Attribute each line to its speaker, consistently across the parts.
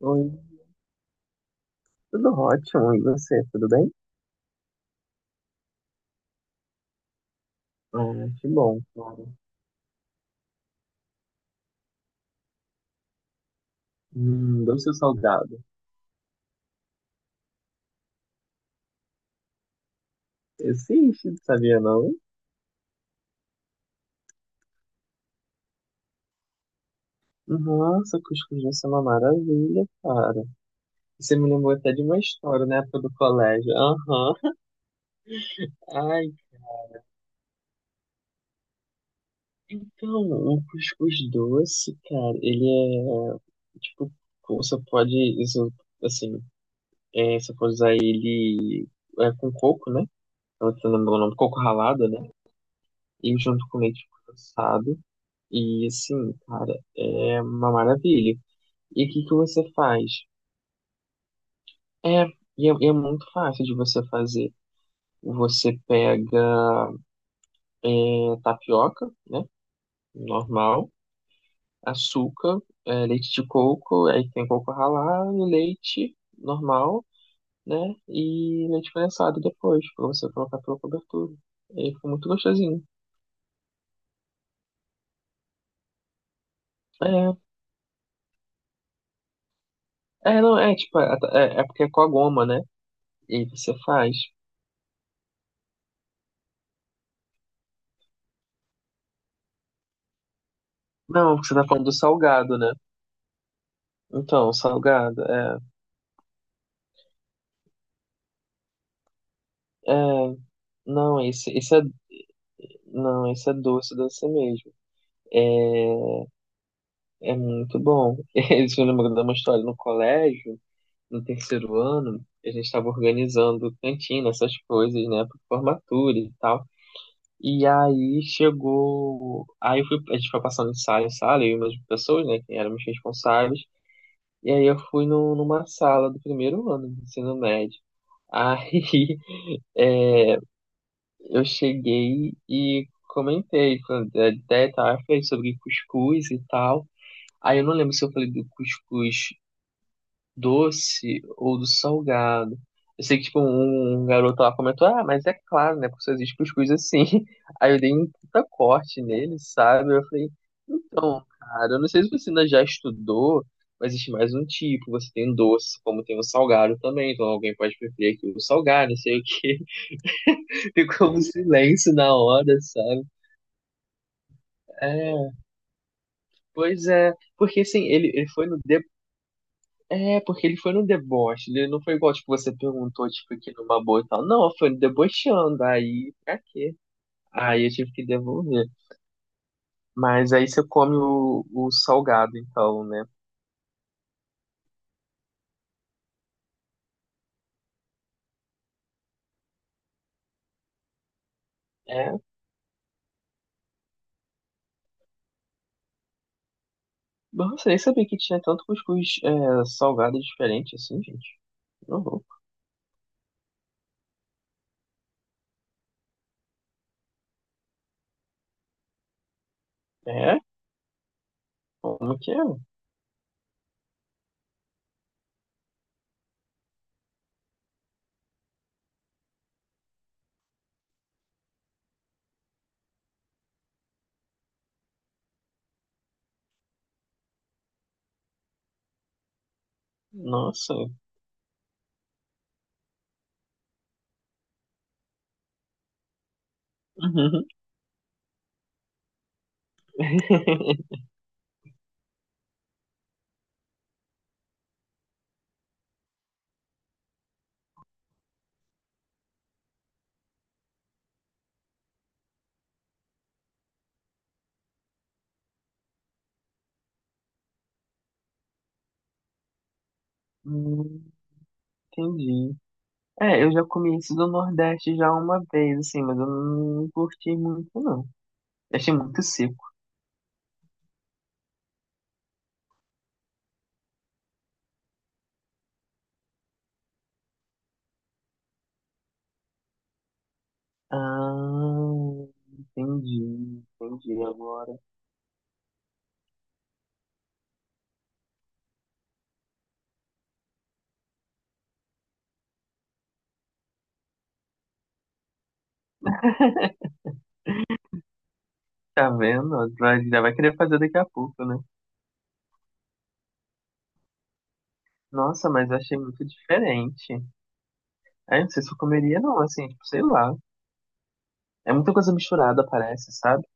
Speaker 1: Oi, tudo ótimo, e você, tudo bem? Ah, que bom, cara. Doce ou salgado. Existe, sabia não? Nossa, cuscuz vai ser uma maravilha, cara. Você me lembrou até de uma história na época do colégio. Aham. Ai, então, o cuscuz doce, cara, ele é, tipo, você pode, isso, assim, é, você pode usar ele é, com coco, né? Eu não lembro o nome, coco ralado, né? E junto com leite condensado. E assim, cara, é uma maravilha. E o que que você faz? É, e é muito fácil de você fazer. Você pega é, tapioca, né? Normal, açúcar, é, leite de coco, aí tem coco ralado, leite normal, né? E leite condensado depois, pra você colocar pela cobertura. E fica muito gostosinho. É, é, não, é tipo, é é porque é com a goma, né? E você faz. Não, você tá falando do salgado, né? Então, salgado, é. É. Não, esse é. Não, esse é doce, doce mesmo. É, é muito bom. Isso me lembrou de uma história no colégio, no terceiro ano, a gente estava organizando cantina, essas coisas, né, para formatura e tal. E aí chegou. Aí eu fui, a gente foi passando de sala em sala, eu e umas pessoas, né, que éramos responsáveis. E aí eu fui no, numa sala do primeiro ano do ensino médio. Aí, eu cheguei e comentei, falei, é, até tá, falei sobre cuscuz e tal. Aí eu não lembro se eu falei do cuscuz doce ou do salgado. Eu sei que, tipo, um garoto lá comentou, ah, mas é claro, né, porque só existe cuscuz assim. Aí eu dei um puta corte nele, sabe? Eu falei, então, cara, eu não sei se você ainda já estudou, mas existe mais um tipo, você tem doce, como tem o salgado também, então alguém pode preferir aqui o salgado, não sei o quê. Ficou um silêncio na hora, sabe? É, pois é, porque assim, ele foi no de... é, porque ele foi no deboche, ele não foi igual, tipo, você perguntou, tipo, aqui numa boa e tal, não, foi debochando, aí, pra quê? Aí eu tive que devolver, mas aí você come o salgado, então, né, é, nossa, nem sabia que tinha tanto cuscuz é, salgado diferente, assim, gente, não vou, é, como que é? Nossa, Hum, entendi. É, eu já comi isso do Nordeste já uma vez, assim, mas eu não curti muito, não. Eu achei muito seco. Ah, entendi, entendi agora. Tá vendo? Vai- Já vai querer fazer daqui a pouco, né? Nossa, mas eu achei muito diferente. Aí, não sei se eu comeria, não, assim, tipo, sei lá. É muita coisa misturada, parece, sabe?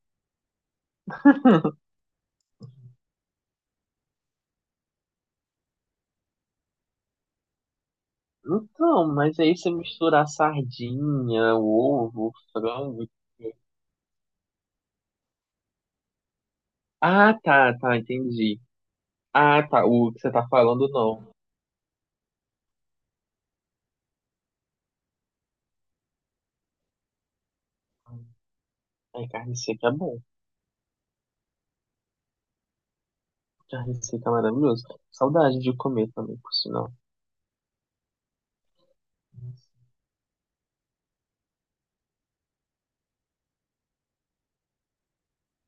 Speaker 1: Então, mas aí você misturar sardinha, ovo, frango. Ah, tá, tá, entendi. Ah, tá, o que você tá falando, não. Ai, carne seca é bom. Carne seca é maravilhoso. Saudade de comer também, por sinal.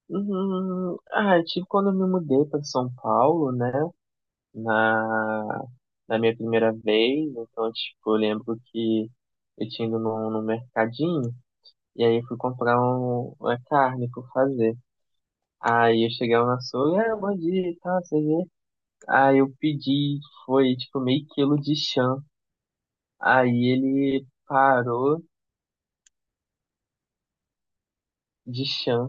Speaker 1: Ah, eu tive quando eu me mudei para São Paulo, né? Na, na minha primeira vez. Então, tipo, eu lembro que eu tinha ido num mercadinho e aí eu fui comprar uma carne para fazer. Aí eu cheguei lá no açougue, ah, bom dia e tal, você vê. Aí eu pedi, foi tipo meio quilo de chã. Aí ele parou de chã.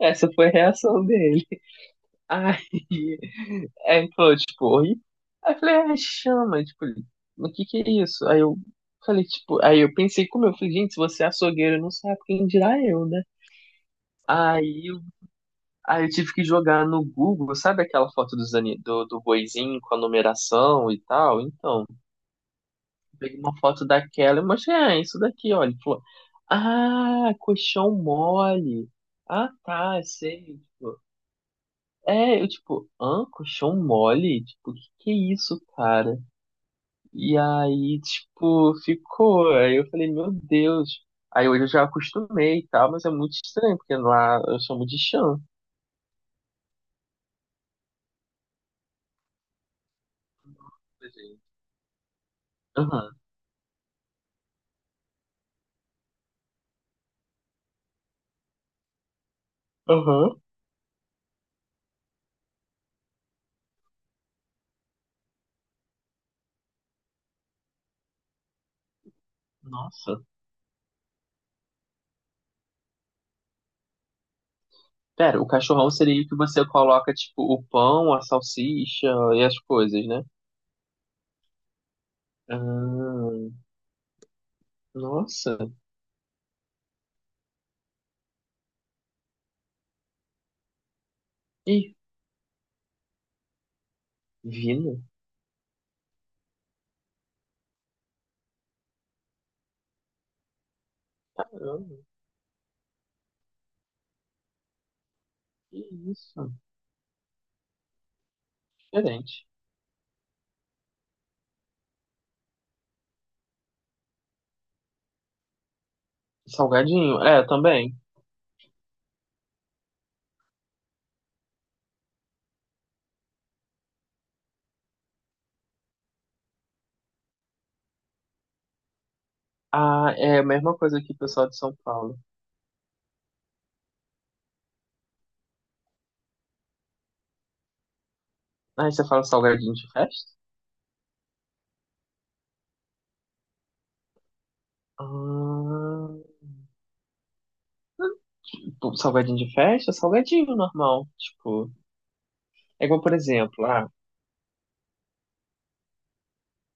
Speaker 1: Essa foi a reação dele. Aí, Aí ele falou, tipo, oi? Aí eu falei, ah, chama, tipo, ele, o que que é isso? Aí eu falei, tipo, aí eu pensei como eu falei, gente, se você é açougueiro, não sabe quem dirá eu, né? Aí, eu- Aí eu tive que jogar no Google, sabe aquela foto dos, ani- do boizinho com a numeração e tal? Então, eu peguei uma foto daquela e mostrei, ah, é isso daqui, olha. Ele falou, ah, colchão mole. Ah, tá, sei. É, eu tipo, hã? Colchão mole? Tipo, que é isso, cara? E aí, tipo, ficou. Aí eu falei, meu Deus. Aí hoje eu já acostumei e tal, mas é muito estranho, porque lá eu chamo de chão. Aham, aham. Nossa. Pera, o cachorrão seria o que você coloca, tipo, o pão, a salsicha e as coisas, né? Ah, nossa. Ih, vina. Caramba, que isso? Diferente. Salgadinho, é, também. Ah, é a mesma coisa que o pessoal de São Paulo. Ah, você fala salgadinho de festa? Ah, tipo, salgadinho de festa? Salgadinho normal. Tipo, é igual, por exemplo, ah,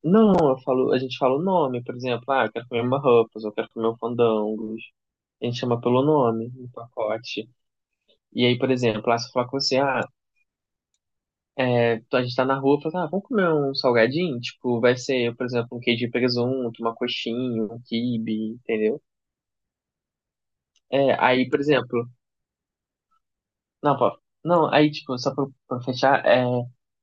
Speaker 1: não, eu falo, a gente fala o nome, por exemplo, ah, eu quero comer uma Ruffles, eu quero comer um fandangos. A gente chama pelo nome, no pacote. E aí, por exemplo, lá, se eu falar com você, ah, é, a gente tá na rua, fala, ah, vamos comer um salgadinho? Tipo, vai ser, por exemplo, um queijo de presunto, uma coxinha, um quibe, entendeu? É, aí, por exemplo, Não, pô. Não, aí, tipo, só pra fechar, é.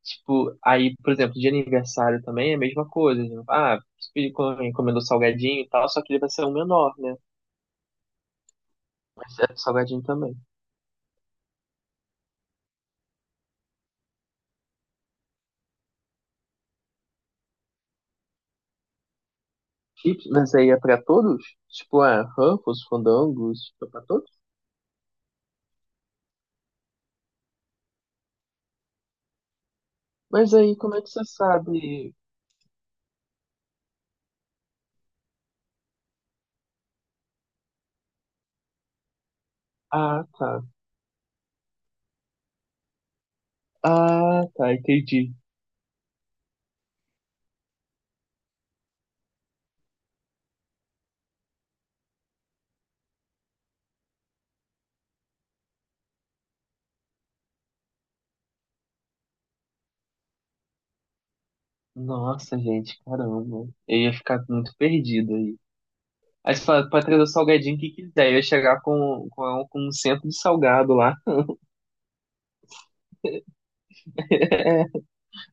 Speaker 1: Tipo, aí, por exemplo, de aniversário também é a mesma coisa. Né? Ah, você pediu- encomendou salgadinho e tal, só que ele vai ser um menor, né? Mas é salgadinho também. Chips, mas aí é pra todos? Tipo, é Ruffles, Fandangos, tipo, é pra todos? Mas aí, como é que você sabe? Ah, tá. Ah, tá, entendi. Nossa, gente, caramba. Eu ia ficar muito perdido aí. Aí você fala, pode trazer o salgadinho que quiser. Eu ia chegar com um centro de salgado lá.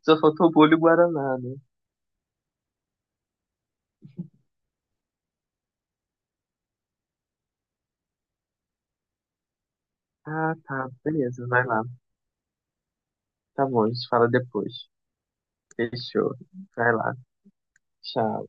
Speaker 1: Só faltou o bolho e o Guaraná, né? Ah, tá. Beleza, vai lá. Tá bom, a gente fala depois. Fechou. Vai lá. Tchau.